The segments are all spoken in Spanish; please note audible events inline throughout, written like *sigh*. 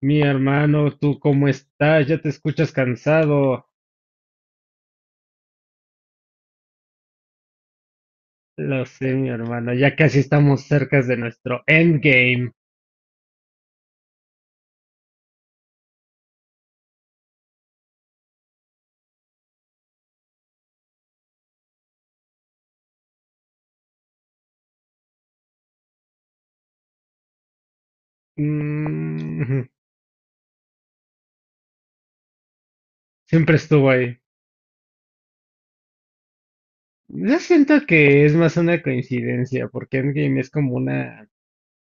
Mi hermano, ¿tú cómo estás? Ya te escuchas cansado. Lo sé, mi hermano, ya casi estamos cerca de nuestro endgame. Mm, Siempre estuvo ahí. Yo siento que es más una coincidencia, porque Endgame es como una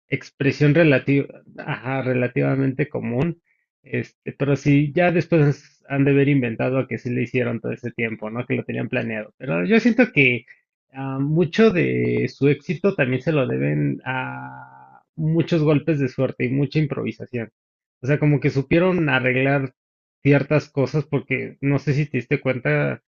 expresión ajá, relativamente común. Este, pero sí, ya después han de haber inventado que sí le hicieron todo ese tiempo, ¿no? Que lo tenían planeado. Pero yo siento que mucho de su éxito también se lo deben a muchos golpes de suerte y mucha improvisación. O sea, como que supieron arreglar ciertas cosas porque no sé si te diste cuenta,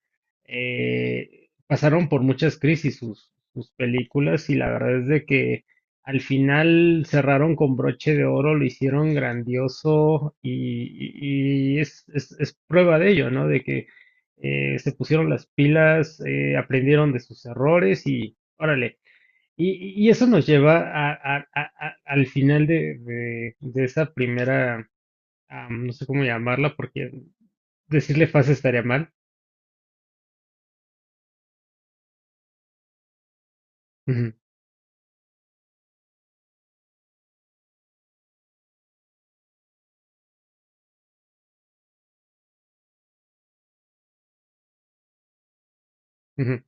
pasaron por muchas crisis sus películas y la verdad es de que al final cerraron con broche de oro, lo hicieron grandioso y es, es prueba de ello, ¿no? De que se pusieron las pilas, aprendieron de sus errores y órale. Y eso nos lleva al final de esa primera, no sé cómo llamarla, porque decirle fase estaría mal. Ujú, ujú,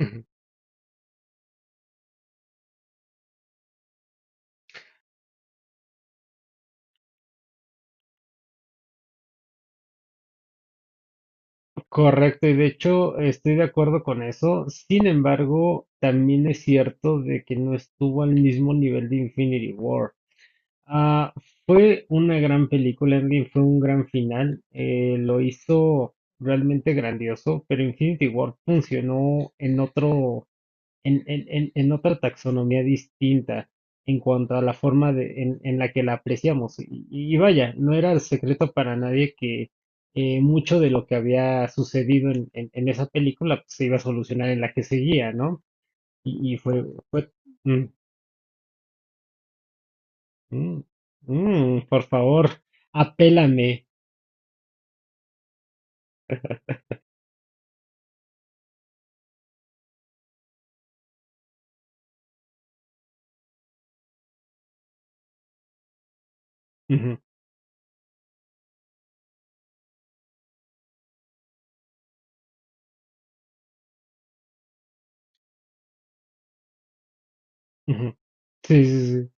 ujú. Correcto, y de hecho estoy de acuerdo con eso. Sin embargo, también es cierto de que no estuvo al mismo nivel de Infinity War. Ah, fue una gran película, Endgame fue un gran final, lo hizo realmente grandioso, pero Infinity War funcionó en otro, en otra taxonomía distinta en cuanto a la forma en la que la apreciamos. Y vaya, no era el secreto para nadie que mucho de lo que había sucedido en esa película pues, se iba a solucionar en la que seguía, ¿no? Y fue, fue, mm, mm, mm, Por favor, apélame. Ujú, ujú. Sí, sí, sí.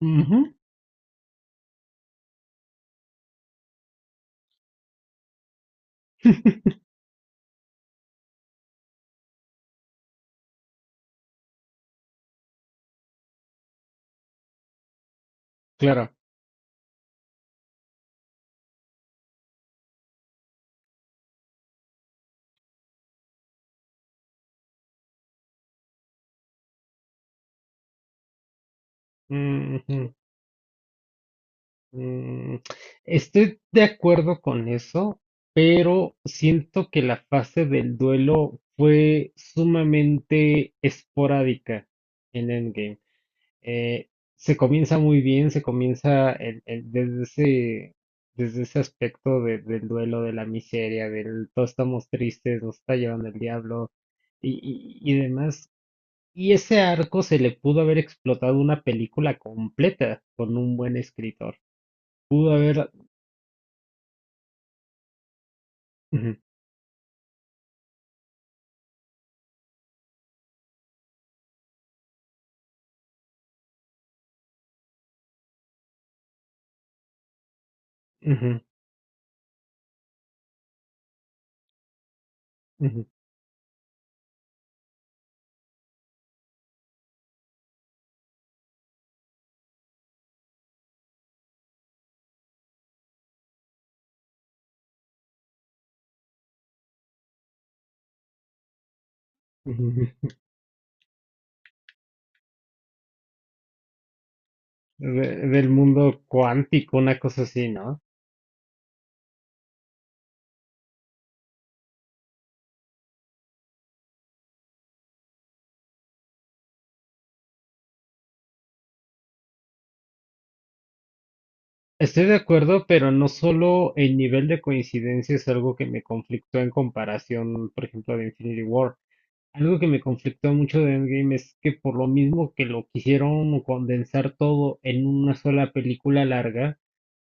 Ujú. *laughs* Claro. Ujú. Mm, Estoy de acuerdo con eso, pero siento que la fase del duelo fue sumamente esporádica en Endgame. Eh, Se comienza muy bien, se comienza desde ese aspecto del duelo, de la miseria, del todos estamos tristes, nos está llevando el diablo y demás. Y ese arco se le pudo haber explotado una película completa con un buen escritor pudo haber. Ujú, ujú, ujú, ujú. Del mundo cuántico, una cosa así, ¿no? Estoy de acuerdo, pero no solo el nivel de coincidencia es algo que me conflictó en comparación, por ejemplo, de Infinity War. Algo que me conflictó mucho de Endgame es que por lo mismo que lo quisieron condensar todo en una sola película larga,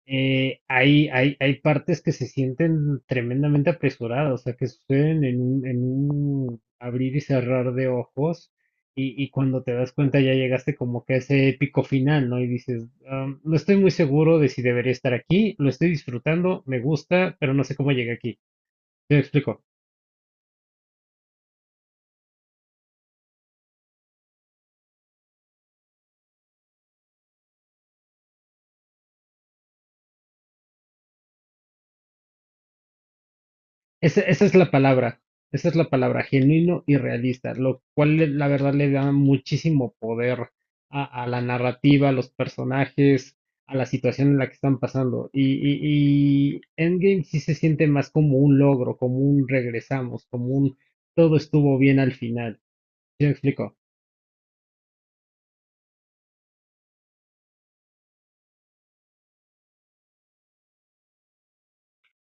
hay partes que se sienten tremendamente apresuradas, o sea, que suceden en un abrir y cerrar de ojos, y cuando te das cuenta ya llegaste como que a ese épico final, ¿no? Y dices, "Ah, no estoy muy seguro de si debería estar aquí, lo estoy disfrutando, me gusta, pero no sé cómo llegué aquí". ¿Te explico? Esa es la palabra, esa es la palabra, genuino y realista, lo cual la verdad le da muchísimo poder a la narrativa, a los personajes, a la situación en la que están pasando. Y Endgame sí se siente más como un logro, como un regresamos, como un todo estuvo bien al final. ¿Sí me explico?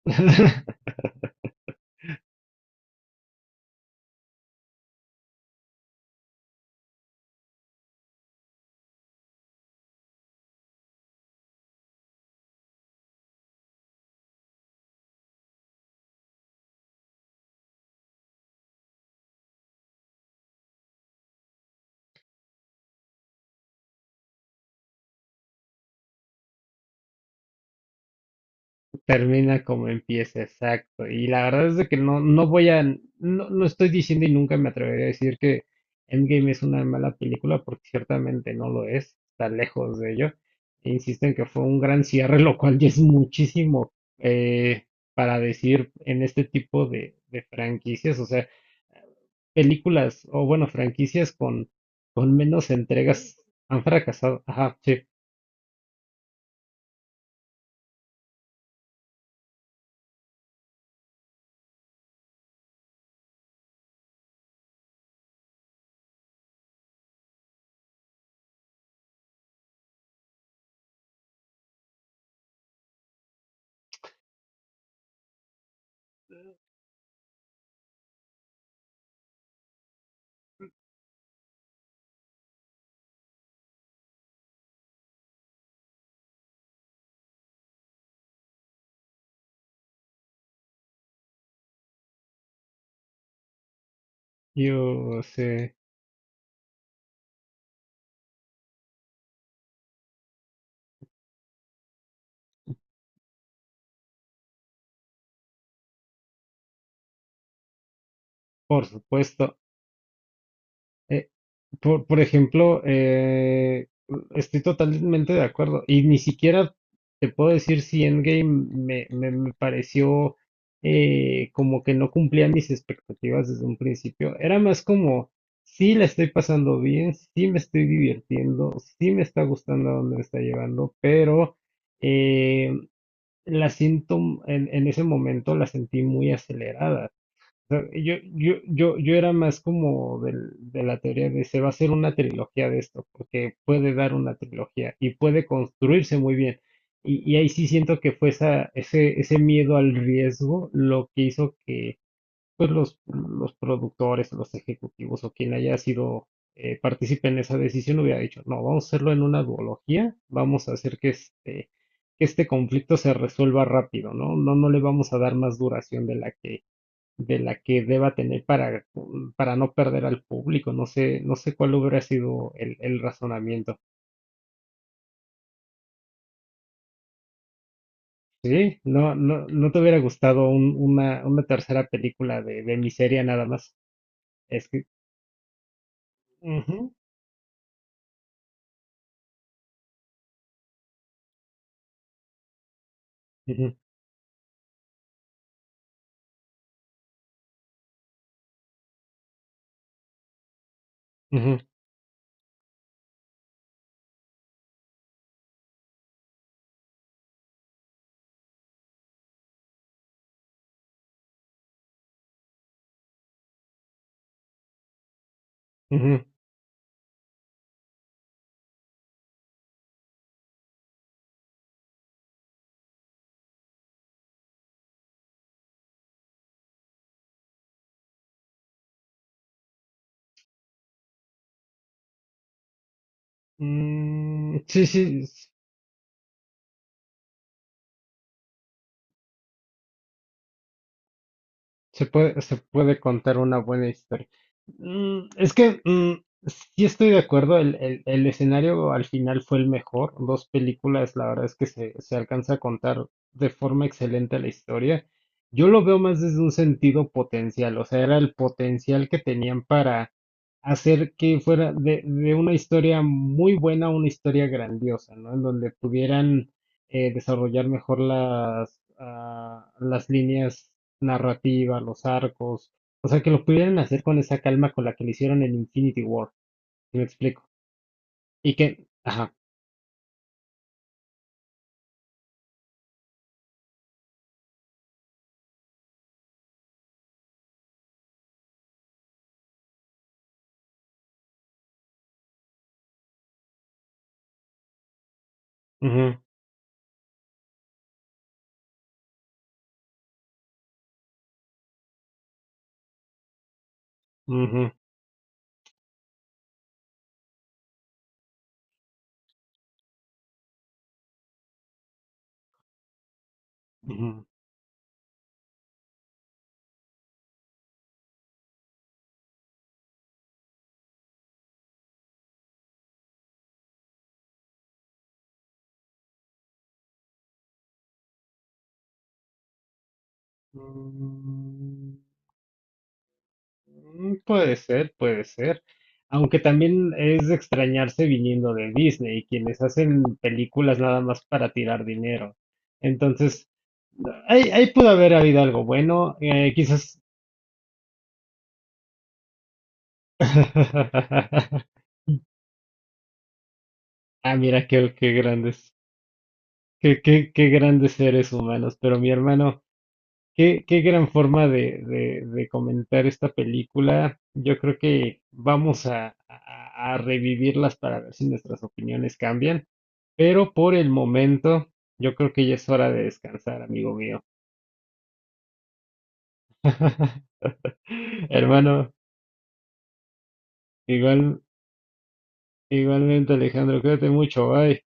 *laughs* Termina como empieza, exacto. Y la verdad es de que no, no voy a, no, no estoy diciendo y nunca me atreveré a decir que Endgame es una mala película, porque ciertamente no lo es, está lejos de ello. E insisto en que fue un gran cierre, lo cual ya es muchísimo eh, para decir en este tipo de franquicias, o sea, películas, o bueno, franquicias con menos entregas han fracasado. Ajá, sí, yo sé, por supuesto. Eh, por ejemplo, estoy totalmente de acuerdo. Y ni siquiera te puedo decir si Endgame me pareció como que no cumplía mis expectativas desde un principio. Era más como, sí la estoy pasando bien, sí me estoy divirtiendo, sí me está gustando a dónde me está llevando, pero eh, la siento en ese momento la sentí muy acelerada sea, Yo era más como de la teoría de se va a hacer una trilogía de esto, porque puede dar una trilogía y puede construirse muy bien. Y ahí sí siento que fue ese miedo al riesgo lo que hizo que pues los productores, los ejecutivos o quien haya sido partícipe en esa decisión hubiera dicho, no, vamos a hacerlo en una duología, vamos a hacer que este conflicto se resuelva rápido, ¿no? No, no le vamos a dar más duración de la que deba tener para, para no perder al público. No sé cuál hubiera sido el razonamiento. Sí, no, no, no te hubiera gustado una tercera película de miseria nada más. Es que. Ujú, ujú, ujú, ujú. Mm, sí, sí. Se puede contar una buena historia. Es que sí estoy de acuerdo, el escenario al final fue el mejor. Dos películas, la verdad es que se alcanza a contar de forma excelente la historia. Yo lo veo más desde un sentido potencial, o sea, era el potencial que tenían para hacer que fuera de una historia muy buena a una historia grandiosa, ¿no? En donde pudieran desarrollar mejor las líneas narrativa, los arcos, o sea, que lo pudieran hacer con esa calma con la que lo hicieron en Infinity War, si me explico. Y que, ajá, ujú, ujú, ujú. Puede ser, puede ser. Aunque también es de extrañarse viniendo de Disney, quienes hacen películas nada más para tirar dinero. Entonces, ahí pudo haber habido algo bueno, quizás. *laughs* Ah, mira, qué grandes. Qué grandes seres humanos, pero mi hermano, qué gran forma de comentar esta película. Yo creo que vamos a revivirlas para ver si nuestras opiniones cambian, pero por el momento yo creo que ya es hora de descansar, amigo mío. *laughs* Hermano, igual, igualmente Alejandro, cuídate mucho, bye.